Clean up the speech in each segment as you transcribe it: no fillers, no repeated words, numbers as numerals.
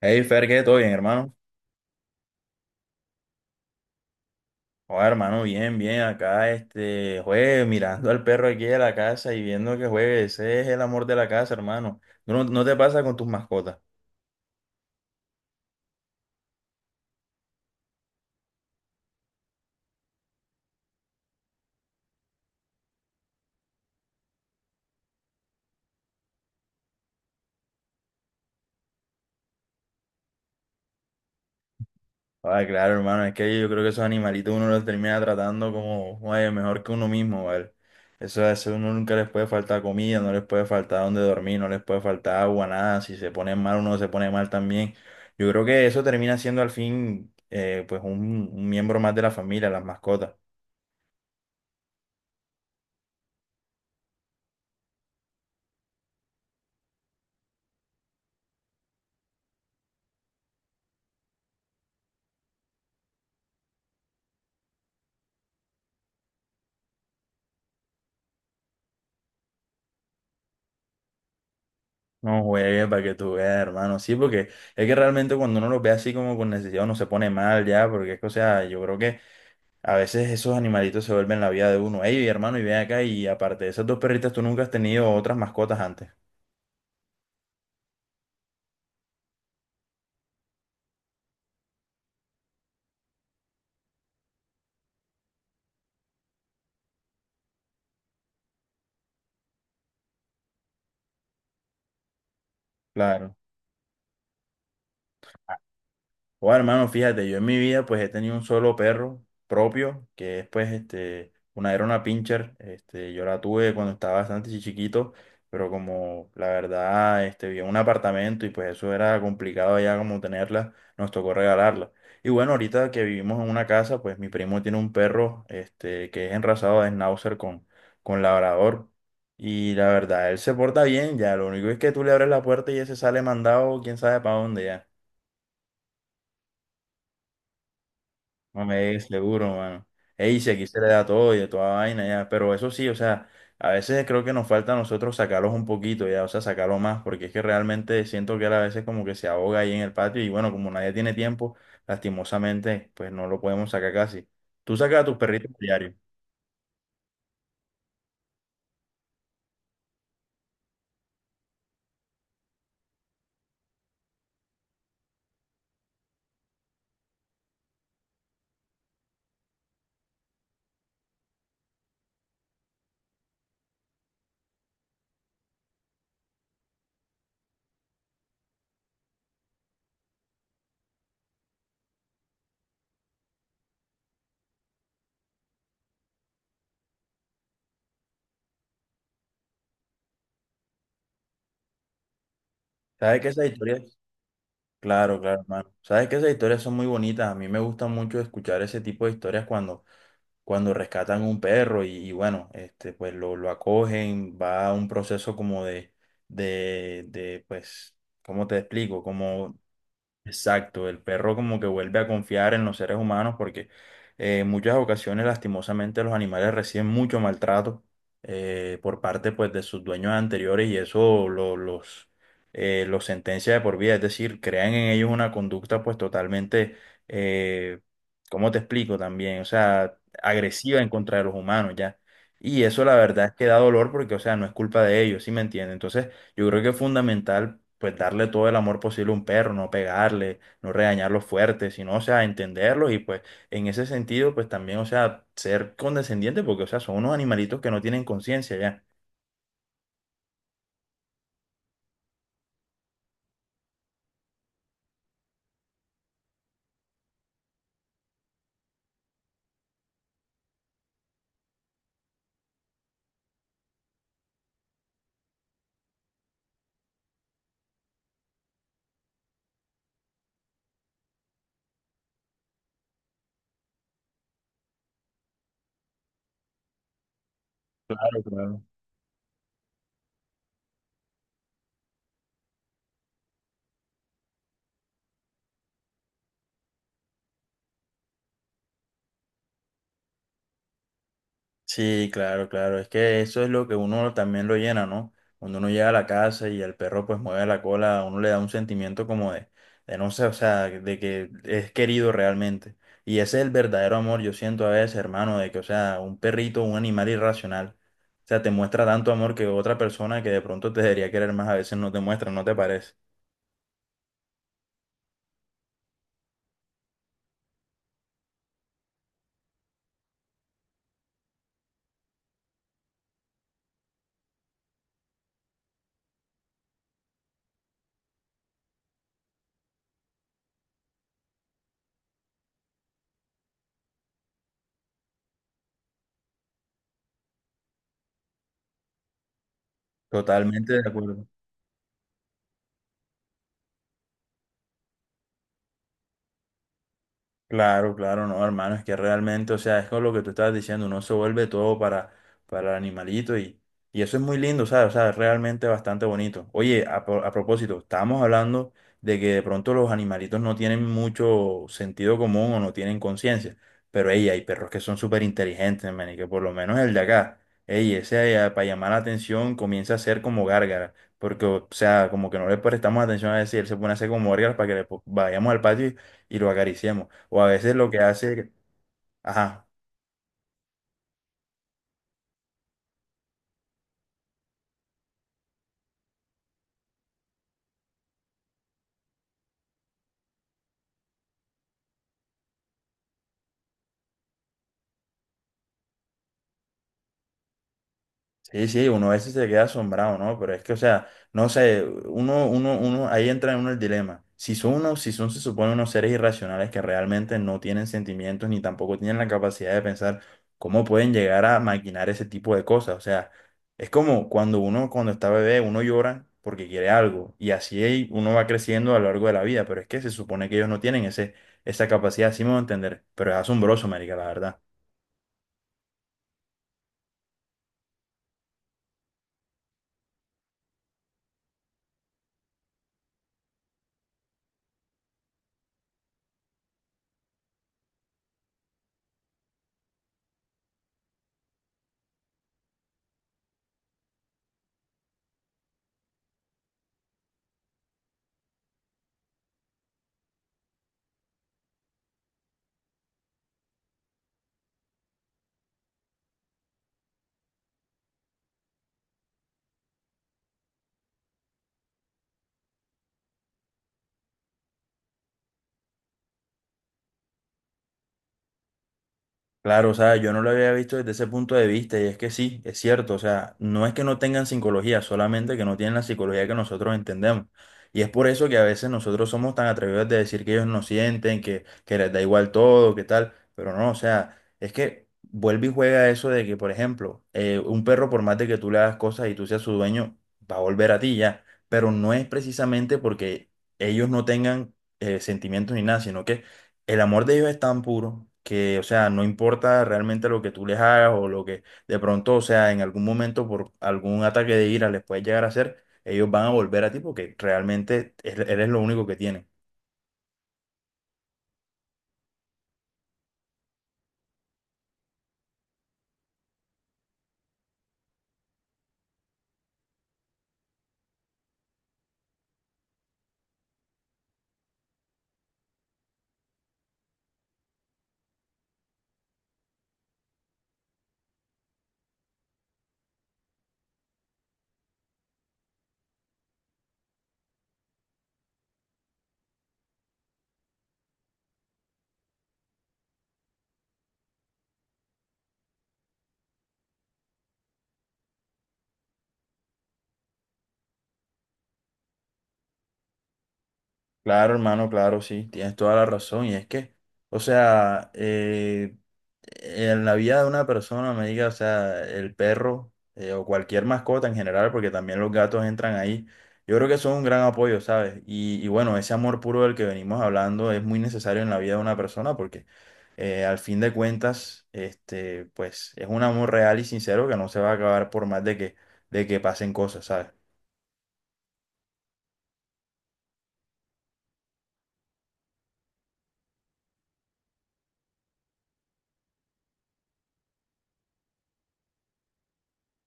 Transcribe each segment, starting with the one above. Hey, Fer, ¿qué? ¿Todo bien, hermano? Joder, hermano, bien, bien. Acá, juegue, mirando al perro aquí de la casa y viendo que juegue. Ese es el amor de la casa, hermano. ¿Tú? ¿No, no te pasa con tus mascotas? Ah, claro, hermano, es que yo creo que esos animalitos uno los termina tratando como, oye, mejor que uno mismo, ¿vale? Eso uno nunca les puede faltar comida, no les puede faltar donde dormir, no les puede faltar agua, nada. Si se ponen mal, uno se pone mal también. Yo creo que eso termina siendo al fin, pues, un miembro más de la familia, las mascotas. No juegues, para que tú veas, hermano. Sí, porque es que realmente cuando uno los ve así como con necesidad, uno se pone mal ya, porque es que, o sea, yo creo que a veces esos animalitos se vuelven la vida de uno. Ey, hermano, y ven acá, y aparte de esas dos perritas, ¿tú nunca has tenido otras mascotas antes? Claro. Bueno, hermano, fíjate, yo en mi vida pues he tenido un solo perro propio, que es pues este, una era una pincher, este, yo la tuve cuando estaba bastante chiquito, pero como la verdad, este, vivía en un apartamento y pues eso era complicado ya como tenerla, nos tocó regalarla. Y bueno, ahorita que vivimos en una casa, pues mi primo tiene un perro, este, que es enrasado de Schnauzer con labrador. Y la verdad, él se porta bien, ya, lo único es que tú le abres la puerta y ese sale mandado, quién sabe para dónde ya. No me digas, seguro, mano. Ey, si aquí se le da todo y de toda vaina, ya. Pero eso sí, o sea, a veces creo que nos falta a nosotros sacarlos un poquito, ya, o sea, sacarlo más, porque es que realmente siento que él a veces como que se ahoga ahí en el patio y bueno, como nadie tiene tiempo, lastimosamente, pues no lo podemos sacar casi. ¿Tú sacas a tus perritos diario? ¿Sabes que esas historias? Claro, claro, hermano. ¿Sabes que esas historias son muy bonitas? A mí me gusta mucho escuchar ese tipo de historias cuando cuando rescatan un perro y bueno, este, pues lo acogen, va a un proceso como de, pues, ¿cómo te explico? Como exacto, el perro como que vuelve a confiar en los seres humanos porque en muchas ocasiones lastimosamente los animales reciben mucho maltrato, por parte pues de sus dueños anteriores y eso los sentencia de por vida, es decir, crean en ellos una conducta pues totalmente, eh, ¿cómo te explico también? O sea, agresiva en contra de los humanos ya. Y eso la verdad es que da dolor porque, o sea, no es culpa de ellos, ¿sí me entiendes? Entonces, yo creo que es fundamental pues darle todo el amor posible a un perro, no pegarle, no regañarlo fuerte, sino, o sea, entenderlos y pues en ese sentido pues también, o sea, ser condescendiente porque, o sea, son unos animalitos que no tienen conciencia ya. Claro, claro. Sí, claro, claro. Es que eso es lo que uno también lo llena, ¿no? Cuando uno llega a la casa y el perro pues mueve la cola, a uno le da un sentimiento como de no sé, o sea, de que es querido realmente. Y ese es el verdadero amor, yo siento a veces, hermano, de que, o sea, un perrito, un animal irracional, o sea, te muestra tanto amor que otra persona que de pronto te debería querer más, a veces no te muestra, ¿no te parece? Totalmente de acuerdo. Claro, claro, no, hermano, es que realmente, o sea, es con lo que tú estabas diciendo, uno se vuelve todo para el animalito y eso es muy lindo, ¿sabes? O sea, es realmente bastante bonito. Oye, a propósito, estábamos hablando de que de pronto los animalitos no tienen mucho sentido común o no tienen conciencia, pero ey, hay perros que son súper inteligentes, man, y que por lo menos el de acá, ey, ese para llamar la atención comienza a hacer como gárgara, porque, o sea, como que no le prestamos atención a decir, él se pone a hacer como gárgaras para que vayamos al patio. Y y lo acariciamos. O a veces lo que hace, ajá, sí, sí, uno a veces se queda asombrado, ¿no? Pero es que, o sea, no sé, uno, ahí entra en uno el dilema. Si son unos, si son, se supone, unos seres irracionales que realmente no tienen sentimientos ni tampoco tienen la capacidad de pensar, ¿cómo pueden llegar a maquinar ese tipo de cosas? O sea, es como cuando uno, cuando está bebé, uno llora porque quiere algo y así uno va creciendo a lo largo de la vida, pero es que se supone que ellos no tienen ese, esa capacidad, así me voy a entender, pero es asombroso, marica, la verdad. Claro, o sea, yo no lo había visto desde ese punto de vista y es que sí, es cierto, o sea, no es que no tengan psicología, solamente que no tienen la psicología que nosotros entendemos. Y es por eso que a veces nosotros somos tan atrevidos de decir que ellos no sienten, que les da igual todo, que tal, pero no, o sea, es que vuelve y juega eso de que, por ejemplo, un perro por más de que tú le hagas cosas y tú seas su dueño, va a volver a ti ya, pero no es precisamente porque ellos no tengan sentimientos ni nada, sino que el amor de ellos es tan puro que, o sea, no importa realmente lo que tú les hagas o lo que de pronto, o sea, en algún momento por algún ataque de ira les puedes llegar a hacer, ellos van a volver a ti porque realmente eres lo único que tienen. Claro, hermano, claro, sí, tienes toda la razón. Y es que, o sea, en la vida de una persona, me diga, o sea, el perro o cualquier mascota en general, porque también los gatos entran ahí, yo creo que son un gran apoyo, ¿sabes? Y bueno, ese amor puro del que venimos hablando es muy necesario en la vida de una persona porque al fin de cuentas, este, pues es un amor real y sincero que no se va a acabar por más de que pasen cosas, ¿sabes?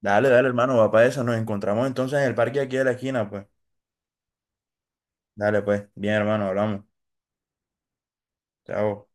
Dale, dale, hermano, va para eso. Nos encontramos entonces en el parque aquí de la esquina, pues. Dale, pues. Bien, hermano, hablamos. Chao.